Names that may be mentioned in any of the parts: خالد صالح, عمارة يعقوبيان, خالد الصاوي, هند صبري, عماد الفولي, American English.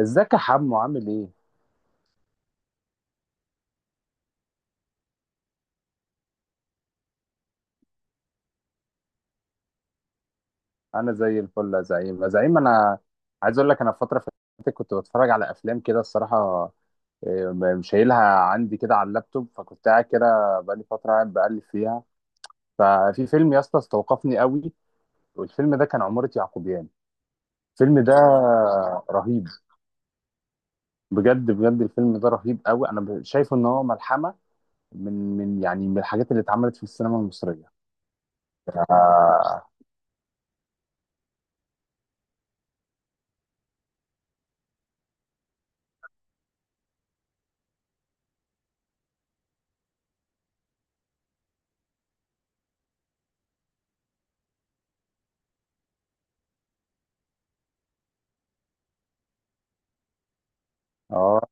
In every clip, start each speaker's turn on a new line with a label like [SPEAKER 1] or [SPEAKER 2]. [SPEAKER 1] ازيك يا حمو عامل ايه؟ انا زي الفل يا زعيم، يا زعيم انا عايز اقول لك انا في فتره فاتت كنت بتفرج على افلام كده الصراحه. شايلها عندي كده على اللابتوب، فكنت قاعد كده بقالي فتره قاعد بقلب فيها. ففي فيلم يا اسطى استوقفني قوي، والفيلم ده كان عمارة يعقوبيان. الفيلم ده رهيب، بجد بجد الفيلم ده رهيب قوي. انا شايفه ان هو ملحمه من يعني من الحاجات اللي اتعملت في السينما المصريه. اه،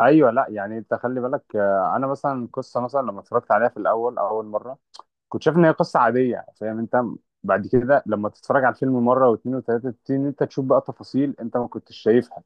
[SPEAKER 1] ايوه، لا يعني انت خلي بالك، انا مثلا قصه، مثلا لما اتفرجت عليها في الاول اول مره كنت شايف ان هي قصه عاديه، فاهم انت؟ بعد كده لما تتفرج على الفيلم مره واثنين وثلاثه تبتدي ان انت تشوف بقى تفاصيل انت ما كنتش شايفها.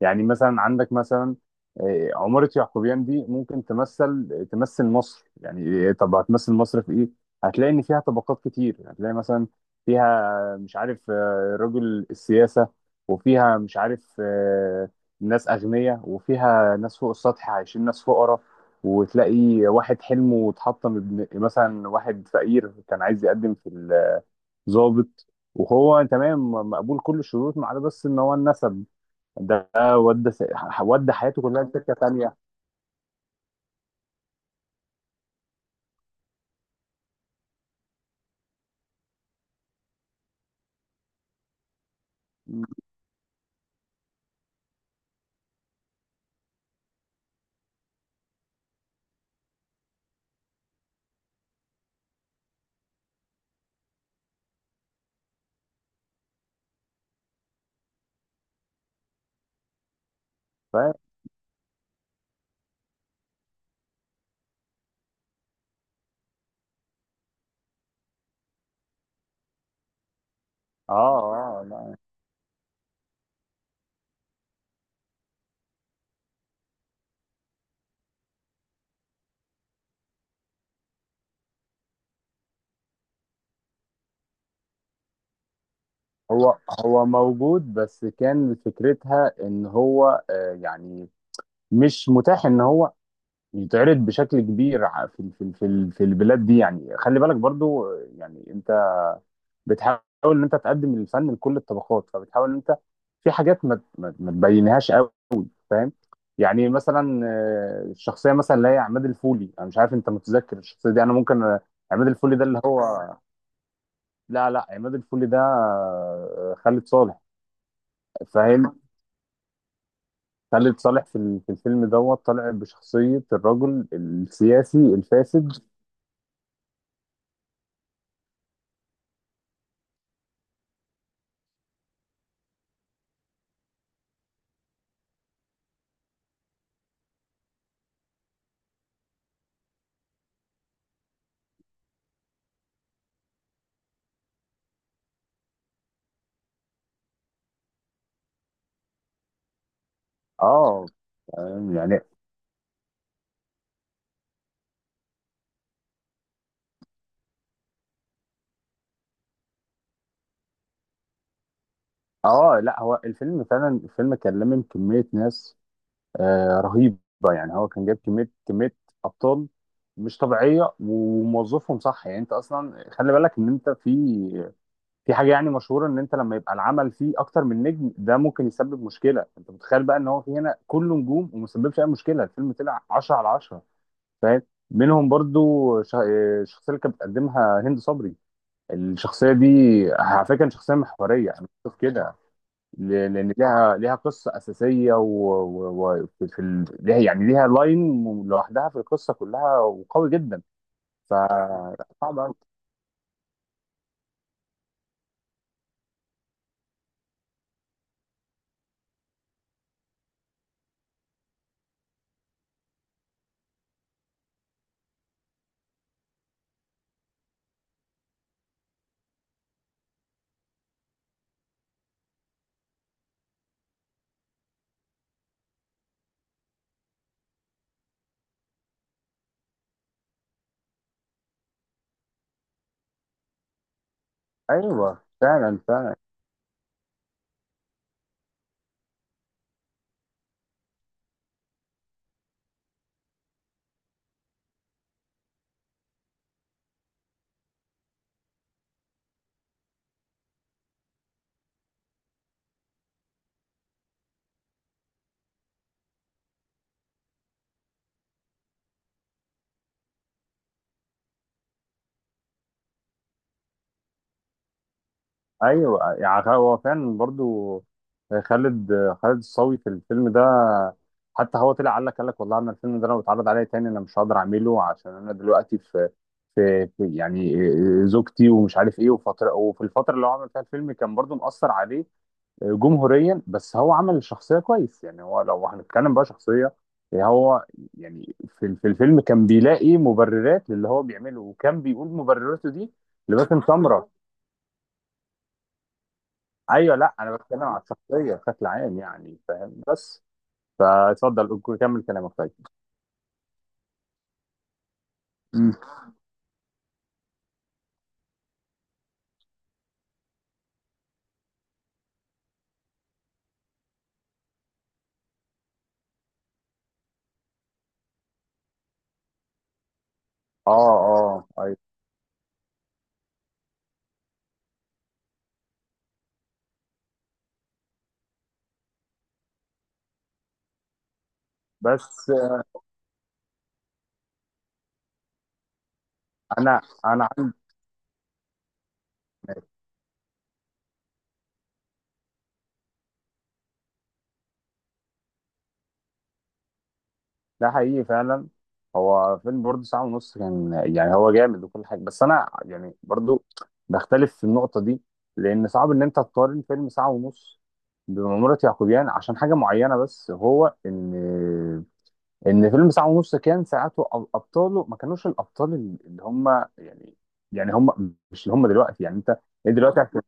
[SPEAKER 1] يعني مثلا عندك مثلا، عمارة يعقوبيان دي ممكن تمثل مصر يعني. طب هتمثل مصر في ايه؟ هتلاقي ان فيها طبقات كتير. هتلاقي مثلا فيها مش عارف، رجل السياسة، وفيها مش عارف ناس أغنياء، وفيها ناس فوق السطح عايشين ناس فقراء، وتلاقي واحد حلمه اتحطم، ابن مثلا واحد فقير كان عايز يقدم في الضابط، وهو تمام مقبول كل الشروط ما عدا بس ان هو النسب ده، ودى حياته كلها لسكه تانيه. ف اه اه لا، هو هو موجود بس كان فكرتها ان هو، يعني مش متاح ان هو يتعرض بشكل كبير في البلاد دي. يعني خلي بالك برضو، يعني انت بتحاول ان انت تقدم الفن لكل الطبقات، فبتحاول ان انت في حاجات ما تبينهاش قوي، فاهم؟ يعني مثلا الشخصيه مثلا اللي هي عماد الفولي، انا مش عارف انت متذكر الشخصيه دي، انا ممكن، عماد الفولي ده اللي هو، لا لا، عماد الفولي ده خالد صالح، فاهم؟ خالد صالح في في الفيلم دوت طالع بشخصيه الرجل السياسي الفاسد، اه، فاهم؟ يعني اه لا، هو الفيلم فعلا الفيلم كان لامم كميه ناس رهيبه. يعني هو كان جايب كميه ابطال مش طبيعيه وموظفهم صح. يعني انت اصلا خلي بالك ان انت في في حاجه يعني مشهوره، ان انت لما يبقى العمل فيه اكتر من نجم ده ممكن يسبب مشكله. انت متخيل بقى ان هو في هنا كله نجوم وما سببش اي مشكله؟ الفيلم طلع 10 على 10، فاهم؟ منهم برضو الشخصيه اللي كانت بتقدمها هند صبري. الشخصيه دي على فكره كانت شخصيه محوريه، انا بشوف كده، لان ليها قصه اساسيه وفي و... و... في ال... ليها يعني ليها لاين لوحدها في القصه كلها وقوي جدا. ف صعب أوي. ايوه فعلا فعلا. ايوه، يعني هو فعلا برضو خالد خالد الصاوي في الفيلم ده، حتى هو طلع قال لك والله انا الفيلم ده لو اتعرض عليا تاني انا مش هقدر اعمله، عشان انا دلوقتي في في يعني زوجتي ومش عارف ايه، وفتره وفي الفتره اللي هو عمل فيها الفيلم كان برضو مأثر عليه جمهوريا. بس هو عمل الشخصية كويس. يعني هو لو هنتكلم بقى شخصية، يعني هو يعني في في الفيلم كان بيلاقي مبررات للي هو بيعمله، وكان بيقول مبرراته دي لباسم سمرة. ايوه لا انا بتكلم على الشخصية بشكل عام، يعني فاهم؟ بس كمل كلامك طيب. مم. اه اه ايوه، بس انا عندي، ده حقيقي فعلا. هو فيلم برضه ساعة ونص كان يعني هو جامد وكل حاجة، بس أنا يعني برضه بختلف في النقطة دي، لأن صعب إن أنت تقارن فيلم ساعة ونص بمأمورة يعقوبيان عشان حاجة معينة. بس هو إن فيلم ساعة ونص كان ساعته أبطاله ما كانوش الأبطال اللي هم، يعني يعني هم مش اللي هم دلوقتي. يعني أنت إيه دلوقتي هت-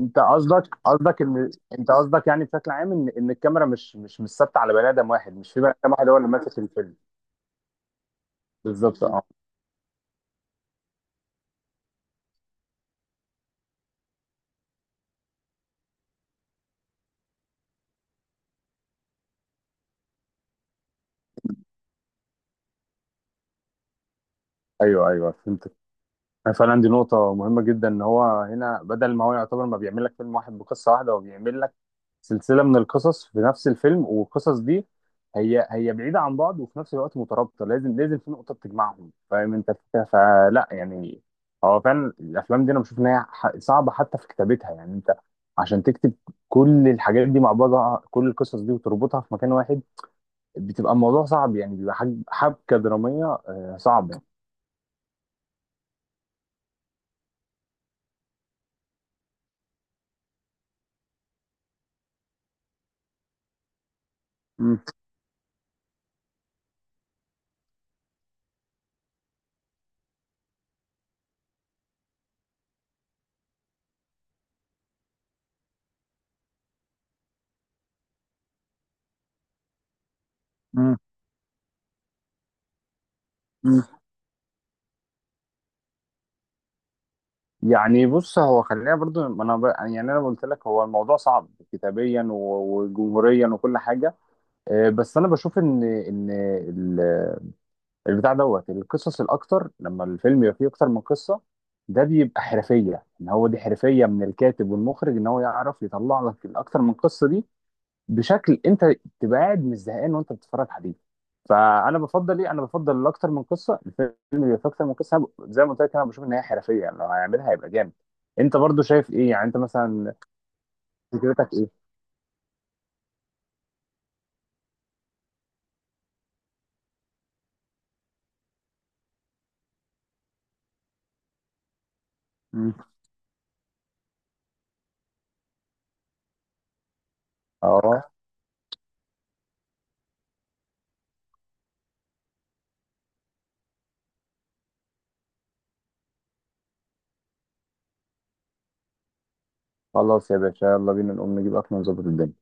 [SPEAKER 1] أنت قصدك إن أنت قصدك يعني بشكل عام إن إن الكاميرا مش ثابتة على بني آدم واحد، مش في بني آدم واحد هو اللي ماسك الفيلم. بالظبط، اه، ايوه ايوه فهمتك. أنا فعلا دي نقطة مهمة جدا، ان هو هنا بدل ما هو يعتبر ما بيعمل لك فيلم واحد بقصة واحدة، هو بيعمل لك سلسلة من القصص في نفس الفيلم. والقصص دي هي بعيدة عن بعض وفي نفس الوقت مترابطة، لازم في نقطة بتجمعهم، فاهم انت الفكرة؟ فلا يعني هو فعلا الافلام دي انا بشوف ان هي صعبة حتى في كتابتها. يعني انت عشان تكتب كل الحاجات دي مع بعضها، كل القصص دي وتربطها في مكان واحد، بتبقى الموضوع صعب. يعني بيبقى حبكة درامية صعبة. مم. مم. يعني بص، هو خلينا برضو، ما انا ب... يعني انا قلت لك هو الموضوع صعب كتابيا وجمهوريا وكل حاجه، بس انا بشوف ان ال- البتاع دوت القصص الاكتر لما الفيلم يبقى فيه اكتر من قصه، ده بيبقى حرفيه، ان هو دي حرفيه من الكاتب والمخرج ان هو يعرف يطلع لك الاكتر من قصه دي بشكل انت تبقى قاعد مش زهقان وانت بتتفرج عليه. فانا بفضل ايه، انا بفضل اكتر من قصه، الفيلم اللي فيه اكتر من قصه أنا زي ما قلت لك انا بشوف ان هي حرفيه، يعني لو هيعملها هيبقى جامد. انت برضو شايف ايه؟ يعني انت مثلا فكرتك ايه؟ مم. اه خلاص يا باشا، يلا بينا نقوم نجيب اكل ونظبط الدنيا.